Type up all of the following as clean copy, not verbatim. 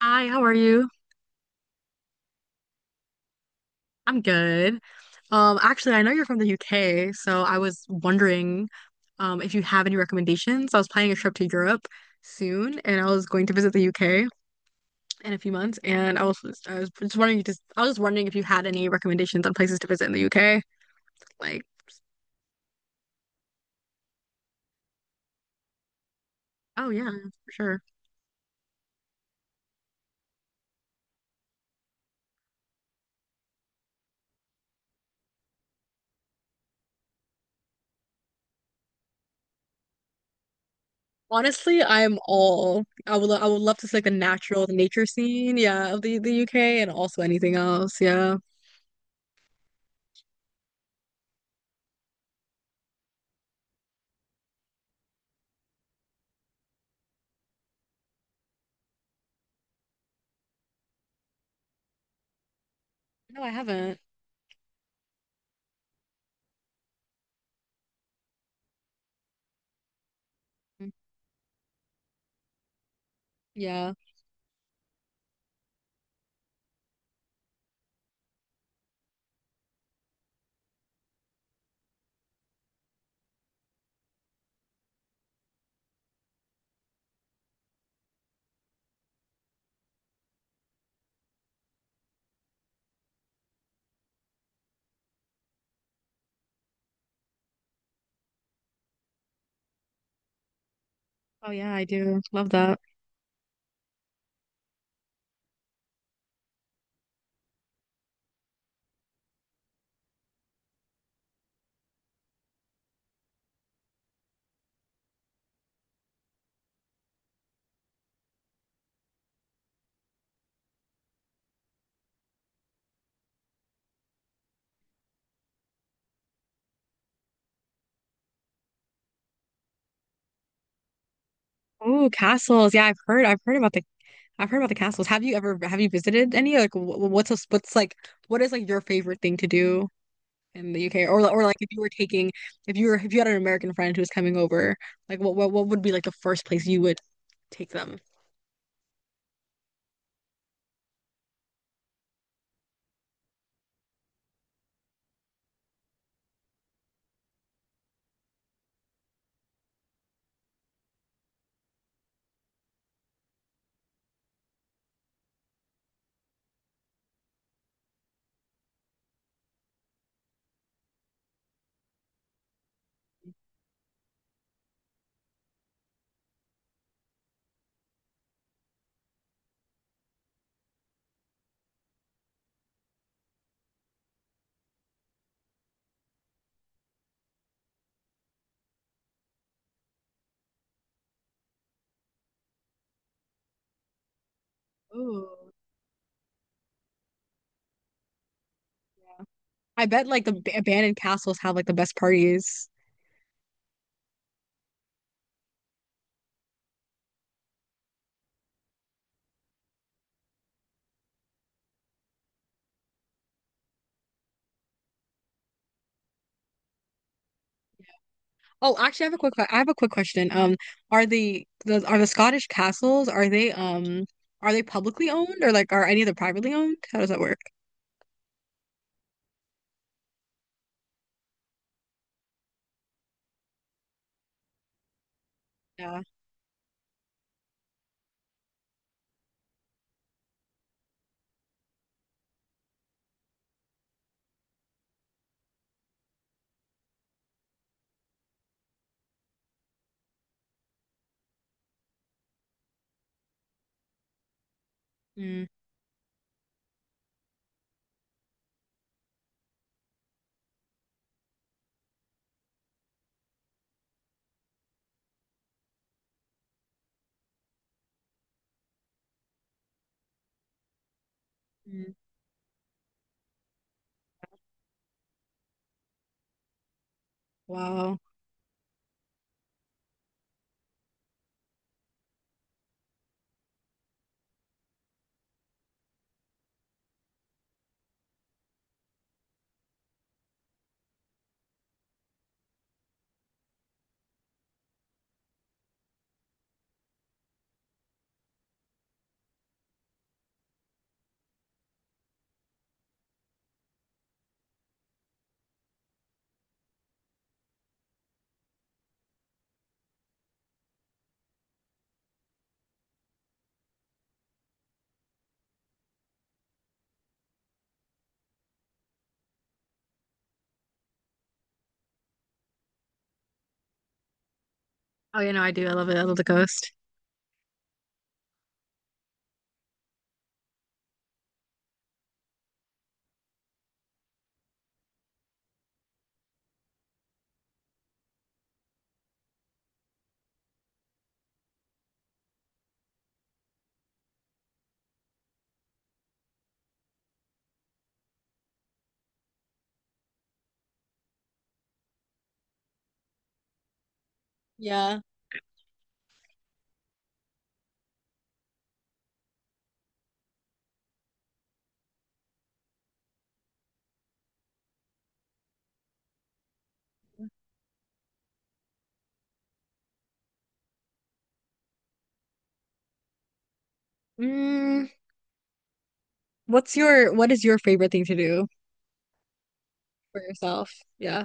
Hi, how are you? I'm good. Actually, I know you're from the UK, so I was wondering if you have any recommendations. I was planning a trip to Europe soon, and I was going to visit the UK in a few months, and I was just wondering just I was just wondering if you had any recommendations on places to visit in the UK. Like, oh yeah, for sure. Honestly, I'm all I would lo- I would love to see like the nature scene, yeah, of the UK, and also anything else. Yeah. No, I haven't. Mm, yeah. Oh yeah, I do. Love that. Oh, castles. Yeah, I've heard about the castles. Have you visited any? What is like your favorite thing to do in the UK, or if you were taking if you were if you had an American friend who was coming over, like what would be like the first place you would take them? Ooh. I bet like the abandoned castles have like the best parties. Oh, actually, I have a quick question. Are the Scottish castles, are they publicly owned, or like are any of them privately owned? How does that work? Mm. Mm. Wow. Oh, I do. I love it. I love the coast. Yeah. Mm, what is your favorite thing to do for yourself? Yeah.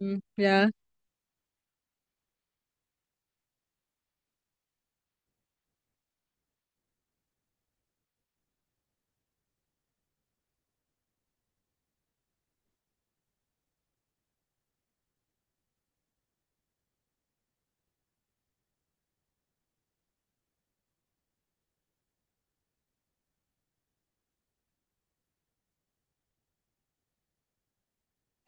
Mm, yeah.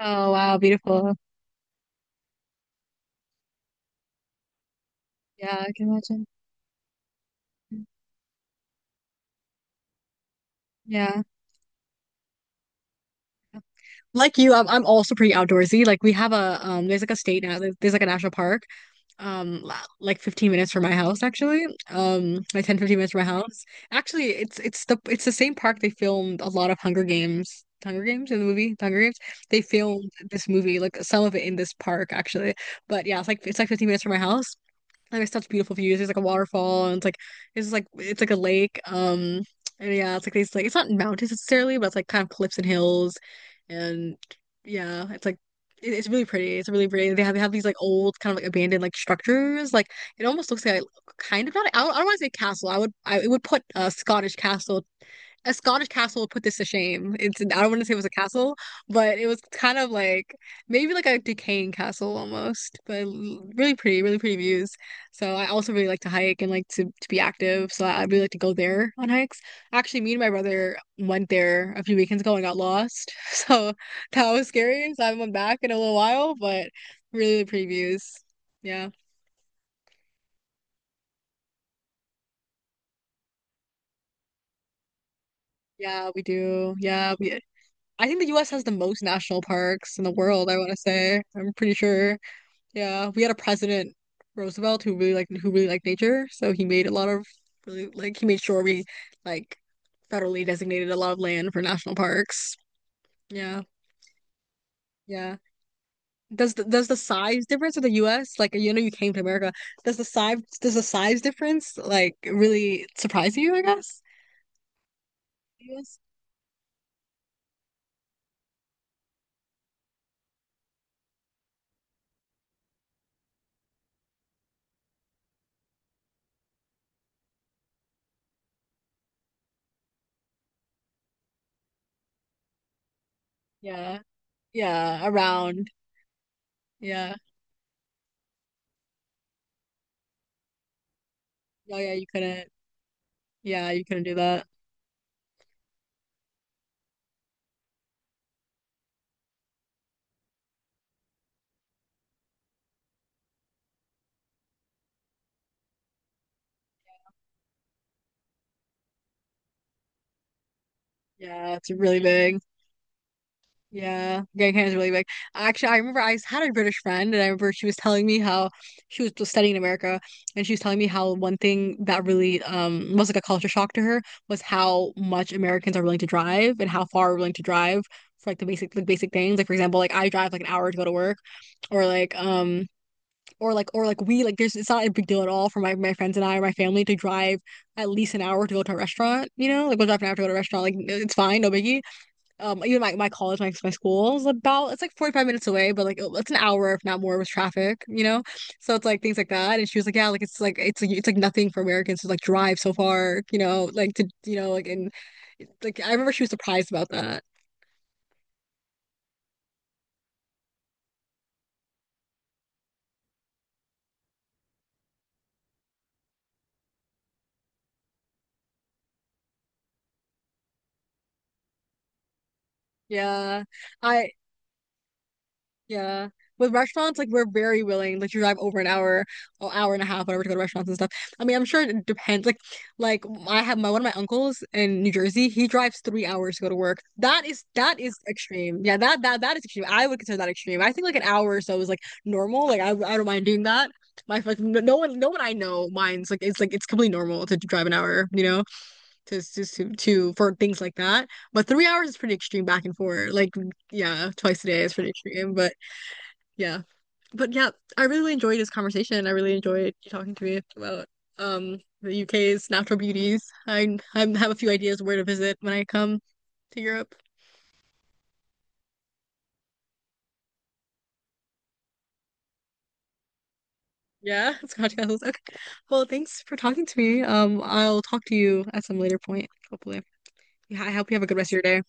Oh, wow, beautiful. Yeah, I can imagine. Mm, yeah. Like you, I'm also pretty outdoorsy. Like we have a there's like a state now. There's like a national park, like 15 minutes from my house actually. Like 10, 15 minutes from my house. Actually, it's the same park they filmed a lot of Hunger Games. In the movie, The Hunger Games. They filmed this movie, like some of it in this park actually. But yeah, it's like 15 minutes from my house. And there's such beautiful views. There's like a waterfall, and it's like a lake. And yeah, it's like these, like, it's not mountains necessarily, but it's like kind of cliffs and hills, and yeah, it's like it's really pretty. It's really pretty. They have these like old kind of like abandoned like structures. Like it almost looks like a- kind of not. I don't want to say castle. I would I it would put a Scottish castle put this to shame. It's, I don't want to say it was a castle, but it was kind of like maybe like a decaying castle almost, but l- really pretty, really pretty views. So I also really like to hike and like to be active. So I really like to go there on hikes. Actually, me and my brother went there a few weekends ago and got lost. So that was scary. So I haven't went back in a little while, but really, really pretty views. Yeah. Yeah, we do. Yeah, we I think the US has the most national parks in the world, I want to say. I'm pretty sure. Yeah, we had a president Roosevelt who really liked nature, so he made sure we like federally designated a lot of land for national parks. Yeah, yeah. Does the size difference of the U.S., like, you know you came to America? Does the size difference like really surprise you, I guess? Yes. Yeah. Yeah. Around. Yeah. Oh yeah. You couldn't. Yeah. You couldn't do that. Yeah. It's really big. Yeah, Grand Canyon is really big. Actually, I remember I had a British friend, and I remember she was telling me how she was just studying in America, and she was telling me how one thing that really was like a culture shock to her was how much Americans are willing to drive and how far we're willing to drive for like the basic things. Like for example, like I drive like an hour to go to work, or like or like or like we like there's it's not a big deal at all for my friends and I, or my family to drive at least an hour to go to a restaurant. Like we'll drive an hour to go to a restaurant. Like it's fine, no biggie, even my school is about it's like 45 minutes away, but like it's an hour if not more with traffic. So it's like things like that, and she was like, yeah, like it's like nothing for Americans to like drive so far, you know like to you know like and like I remember she was surprised about that. Yeah. I Yeah. With restaurants, like we're very willing, like to drive over an hour, or hour and a half, whatever, to go to restaurants and stuff. I mean, I'm sure it depends. Like I have my one of my uncles in New Jersey. He drives 3 hours to go to work. That is extreme. Yeah, that is extreme. I would consider that extreme. I think like an hour or so is like normal. Like I don't mind doing that. My like no no one no one I know minds, like it's completely normal to drive an hour. You know, to for things like that. But 3 hours is pretty extreme back and forth. Like yeah, twice a day is pretty extreme, but. Yeah. But yeah, I really enjoyed this conversation. I really enjoyed you talking to me about the UK's natural beauties. I have a few ideas where to visit when I come to Europe. Yeah, Scotch castles. Okay. Well, thanks for talking to me. I'll talk to you at some later point, hopefully. Yeah, I hope you have a good rest of your day.